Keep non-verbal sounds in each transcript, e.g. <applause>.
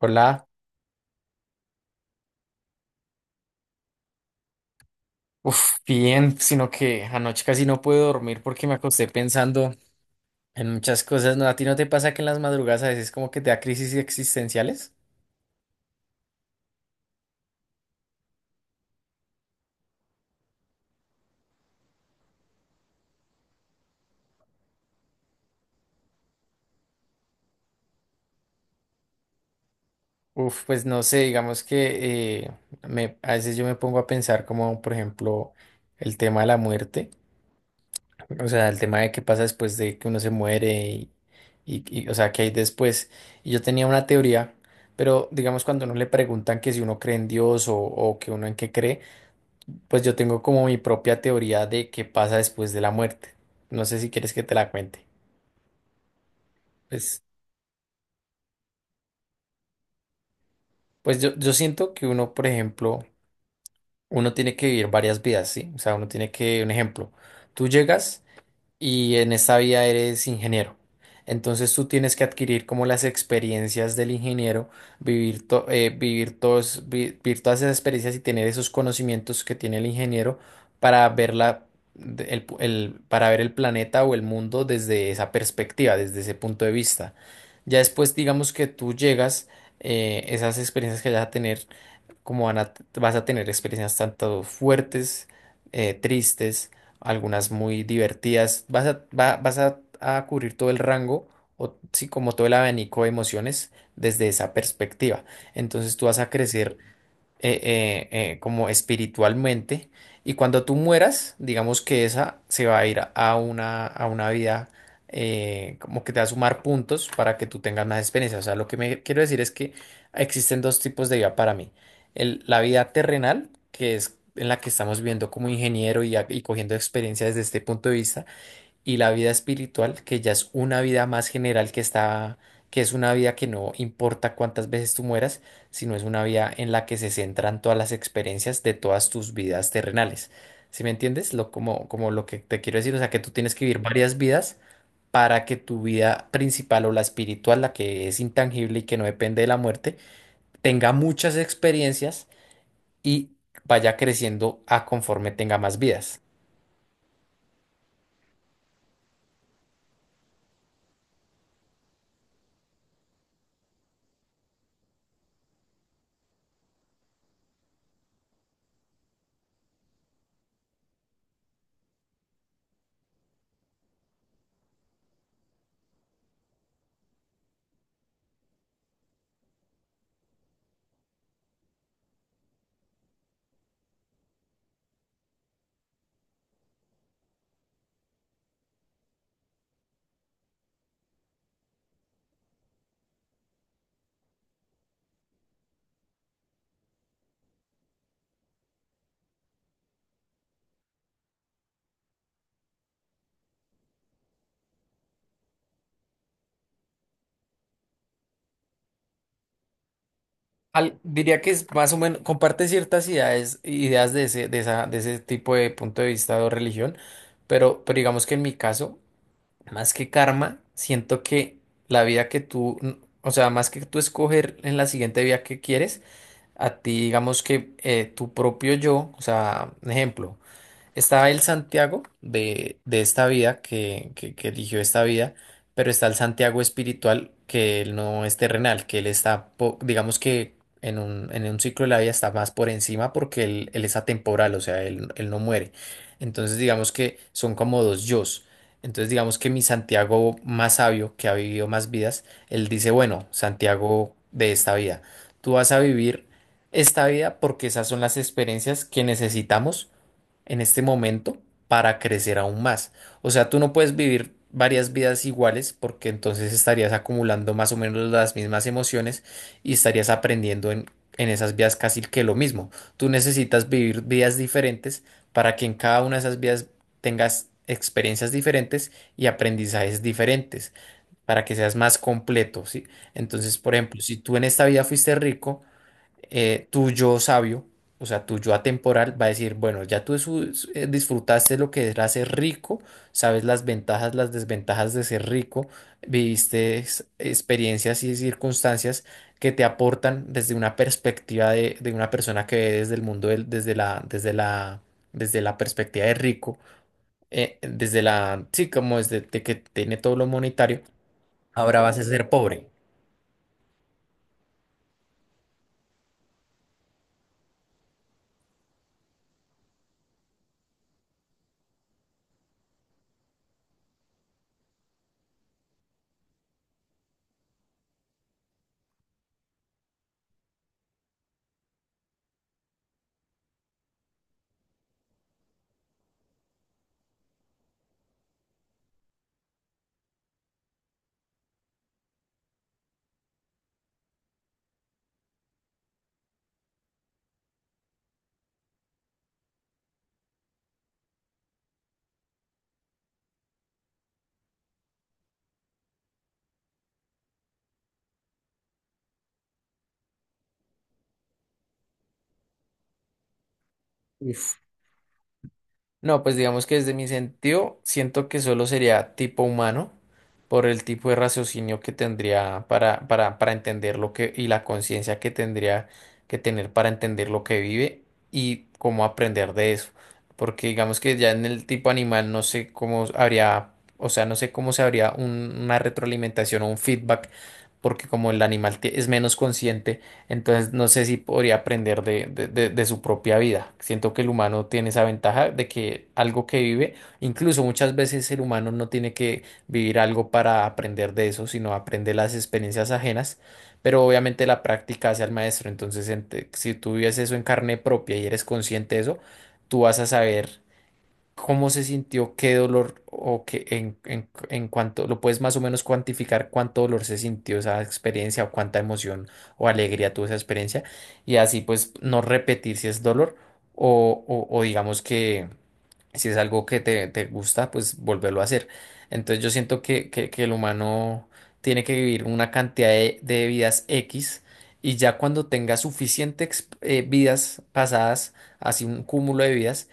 Hola, uf, bien, sino que anoche casi no puedo dormir porque me acosté pensando en muchas cosas. ¿No? ¿A ti no te pasa que en las madrugadas a veces como que te da crisis existenciales? Uf, pues no sé, digamos que a veces yo me pongo a pensar como, por ejemplo, el tema de la muerte, o sea, el tema de qué pasa después de que uno se muere y, o sea, qué hay después. Y yo tenía una teoría, pero digamos cuando uno le preguntan que si uno cree en Dios o que uno en qué cree. Pues yo tengo como mi propia teoría de qué pasa después de la muerte. No sé si quieres que te la cuente. Pues, pues yo siento que uno, por ejemplo, uno tiene que vivir varias vidas, ¿sí? O sea, uno tiene que, un ejemplo, tú llegas. Y en esta vida eres ingeniero. Entonces tú tienes que adquirir como las experiencias del ingeniero, vivir, to- vivir, todos, vi- vivir todas esas experiencias y tener esos conocimientos que tiene el ingeniero para ver la- para ver el planeta o el mundo desde esa perspectiva, desde ese punto de vista. Ya después, digamos que tú llegas, esas experiencias que vas a tener vas a tener experiencias tanto fuertes, tristes, algunas muy divertidas, vas a cubrir todo el rango, o sí, como todo el abanico de emociones desde esa perspectiva. Entonces tú vas a crecer eh, como espiritualmente. Y cuando tú mueras, digamos que esa se va a ir a una vida como que te va a sumar puntos para que tú tengas más experiencia. O sea, lo que me quiero decir es que existen dos tipos de vida para mí. La vida terrenal, que es en la que estamos viviendo como ingeniero y cogiendo experiencia desde este punto de vista y la vida espiritual, que ya es una vida más general que es una vida que no importa cuántas veces tú mueras, sino es una vida en la que se centran todas las experiencias de todas tus vidas terrenales. ¿Sí me entiendes? Como lo que te quiero decir, o sea, que tú tienes que vivir varias vidas para que tu vida principal o la espiritual, la que es intangible y que no depende de la muerte, tenga muchas experiencias y vaya creciendo a conforme tenga más vidas. Diría que es más o menos, comparte ciertas ideas, ideas de ese, de esa, de ese tipo de punto de vista o religión, pero digamos que en mi caso, más que karma, siento que la vida que tú, o sea, más que tú escoger en la siguiente vida que quieres, a ti digamos que tu propio yo, o sea, un ejemplo. Está el Santiago de esta vida, que eligió esta vida, pero está el Santiago espiritual, que él no es terrenal, que él está, digamos que en un ciclo de la vida está más por encima porque él es atemporal, o sea, él no muere. Entonces, digamos que son como dos yos. Entonces, digamos que mi Santiago más sabio, que ha vivido más vidas, él dice, bueno, Santiago de esta vida, tú vas a vivir esta vida porque esas son las experiencias que necesitamos en este momento para crecer aún más. O sea, tú no puedes vivir varias vidas iguales porque entonces estarías acumulando más o menos las mismas emociones y estarías aprendiendo en esas vidas casi que lo mismo. Tú necesitas vivir vidas diferentes para que en cada una de esas vidas tengas experiencias diferentes y aprendizajes diferentes para que seas más completo, ¿sí? Entonces, por ejemplo, si tú en esta vida fuiste rico, tu yo sabio, o sea, tu yo atemporal, va a decir, bueno, ya tú disfrutaste lo que era ser rico, sabes las ventajas, las desventajas de ser rico, viviste experiencias y circunstancias que te aportan desde una perspectiva de una persona que ve desde el mundo, desde la perspectiva de rico, desde la, sí, como desde de que tiene todo lo monetario, ahora vas a ser pobre. Uf. No, pues digamos que desde mi sentido siento que solo sería tipo humano por el tipo de raciocinio que tendría para entender lo que y la conciencia que tendría que tener para entender lo que vive y cómo aprender de eso. Porque digamos que ya en el tipo animal no sé cómo habría, o sea, no sé cómo se habría una retroalimentación o un feedback, porque como el animal es menos consciente. Entonces, no sé si podría aprender de su propia vida. Siento que el humano tiene esa ventaja de que algo que vive, incluso muchas veces el humano no tiene que vivir algo para aprender de eso, sino aprende las experiencias ajenas, pero obviamente la práctica hace al maestro. Entonces, si tú vives eso en carne propia y eres consciente de eso, tú vas a saber. ¿Cómo se sintió? ¿Qué dolor? ¿O qué en cuánto? ¿Lo puedes más o menos cuantificar cuánto dolor se sintió esa experiencia o cuánta emoción o alegría tuvo esa experiencia? Y así pues no repetir si es dolor o digamos que si es algo que te gusta, pues volverlo a hacer. Entonces yo siento que, que el humano tiene que vivir una cantidad de vidas X y ya cuando tenga suficiente vidas pasadas, así un cúmulo de vidas,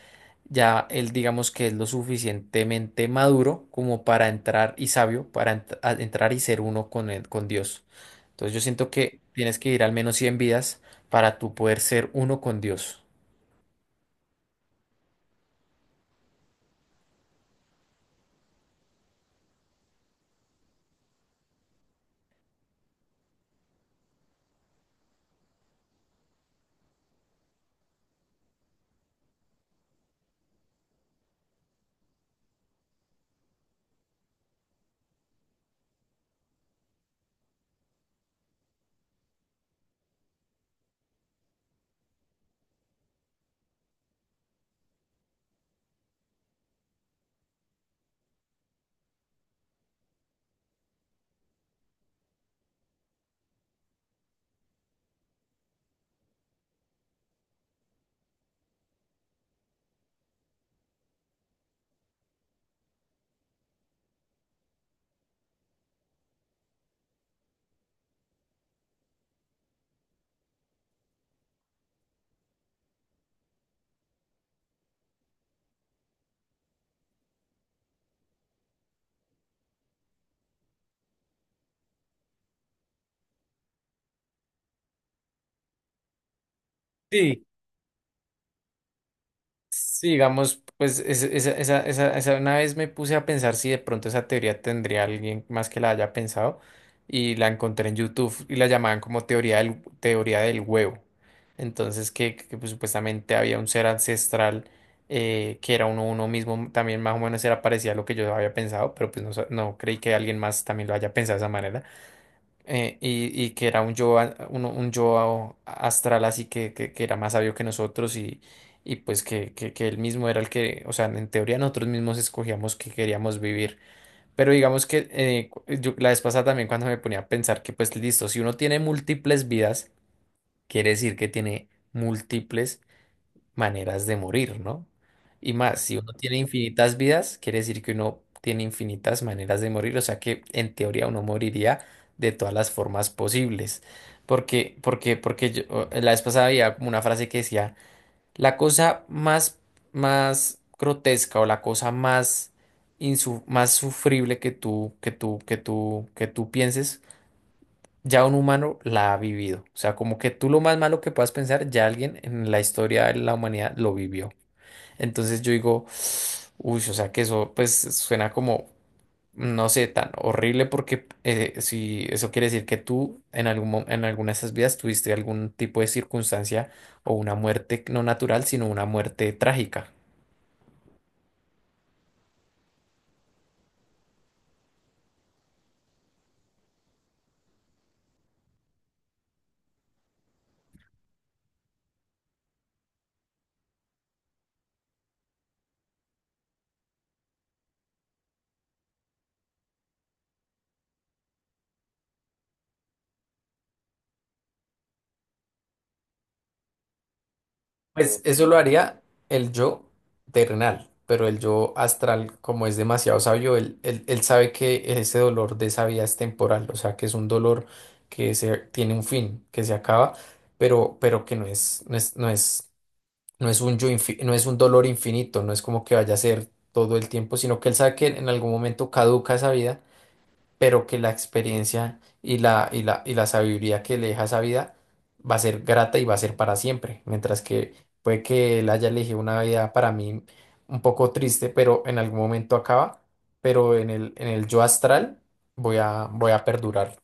ya él digamos que es lo suficientemente maduro como para entrar y sabio, para entrar y ser uno con con Dios. Entonces yo siento que tienes que ir al menos 100 vidas para tú poder ser uno con Dios. Sí, digamos, pues esa una vez me puse a pensar si de pronto esa teoría tendría alguien más que la haya pensado y la encontré en YouTube y la llamaban como teoría del huevo. Entonces, pues, supuestamente había un ser ancestral que era uno, uno mismo, también más o menos era parecido a lo que yo había pensado, pero pues no, no creí que alguien más también lo haya pensado de esa manera y que era un yo, un yo astral así que, que era más sabio que nosotros y pues que, que él mismo era el que, o sea, en teoría nosotros mismos escogíamos que queríamos vivir. Pero digamos que yo la vez pasada también cuando me ponía a pensar que pues listo, si uno tiene múltiples vidas, quiere decir que tiene múltiples maneras de morir, ¿no? Y más, si uno tiene infinitas vidas, quiere decir que uno tiene infinitas maneras de morir, o sea que en teoría uno moriría de todas las formas posibles. Porque yo, la vez pasada había como una frase que decía, la cosa más grotesca o la cosa más sufrible que tú pienses, ya un humano la ha vivido. O sea, como que tú lo más malo que puedas pensar, ya alguien en la historia de la humanidad lo vivió. Entonces yo digo, uy, o sea que eso pues suena como, no sé, tan horrible porque si eso quiere decir que tú en alguna de esas vidas tuviste algún tipo de circunstancia o una muerte no natural, sino una muerte trágica. Pues eso lo haría el yo terrenal, pero el yo astral, como es demasiado sabio, él sabe que ese dolor de esa vida es temporal, o sea, que es un dolor tiene un fin, que se acaba, pero que no es No es un yo infi- no es un dolor infinito, no es como que vaya a ser todo el tiempo, sino que él sabe que en algún momento caduca esa vida, pero que la experiencia y la sabiduría que le deja esa vida va a ser grata y va a ser para siempre. Mientras que puede que él haya elegido una vida para mí un poco triste, pero en algún momento acaba, pero en el yo astral voy a perdurar.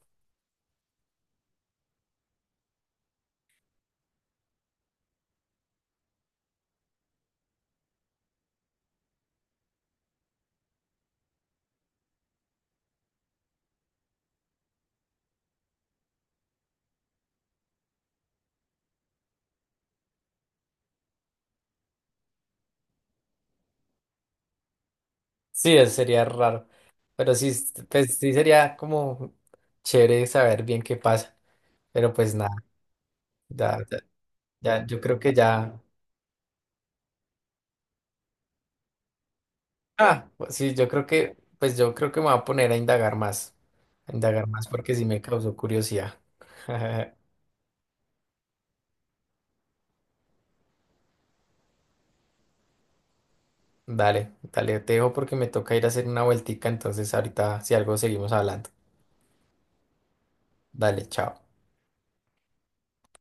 Sí, eso sería raro, pero sí, pues, sí sería como chévere saber bien qué pasa. Pero pues nada, ya, ya, ya, yo creo que ya. Ah, pues sí, yo creo que, me voy a poner a indagar más. A indagar más porque sí me causó curiosidad. <laughs> Dale, dale, te dejo porque me toca ir a hacer una vueltica, entonces ahorita si algo seguimos hablando. Dale, chao.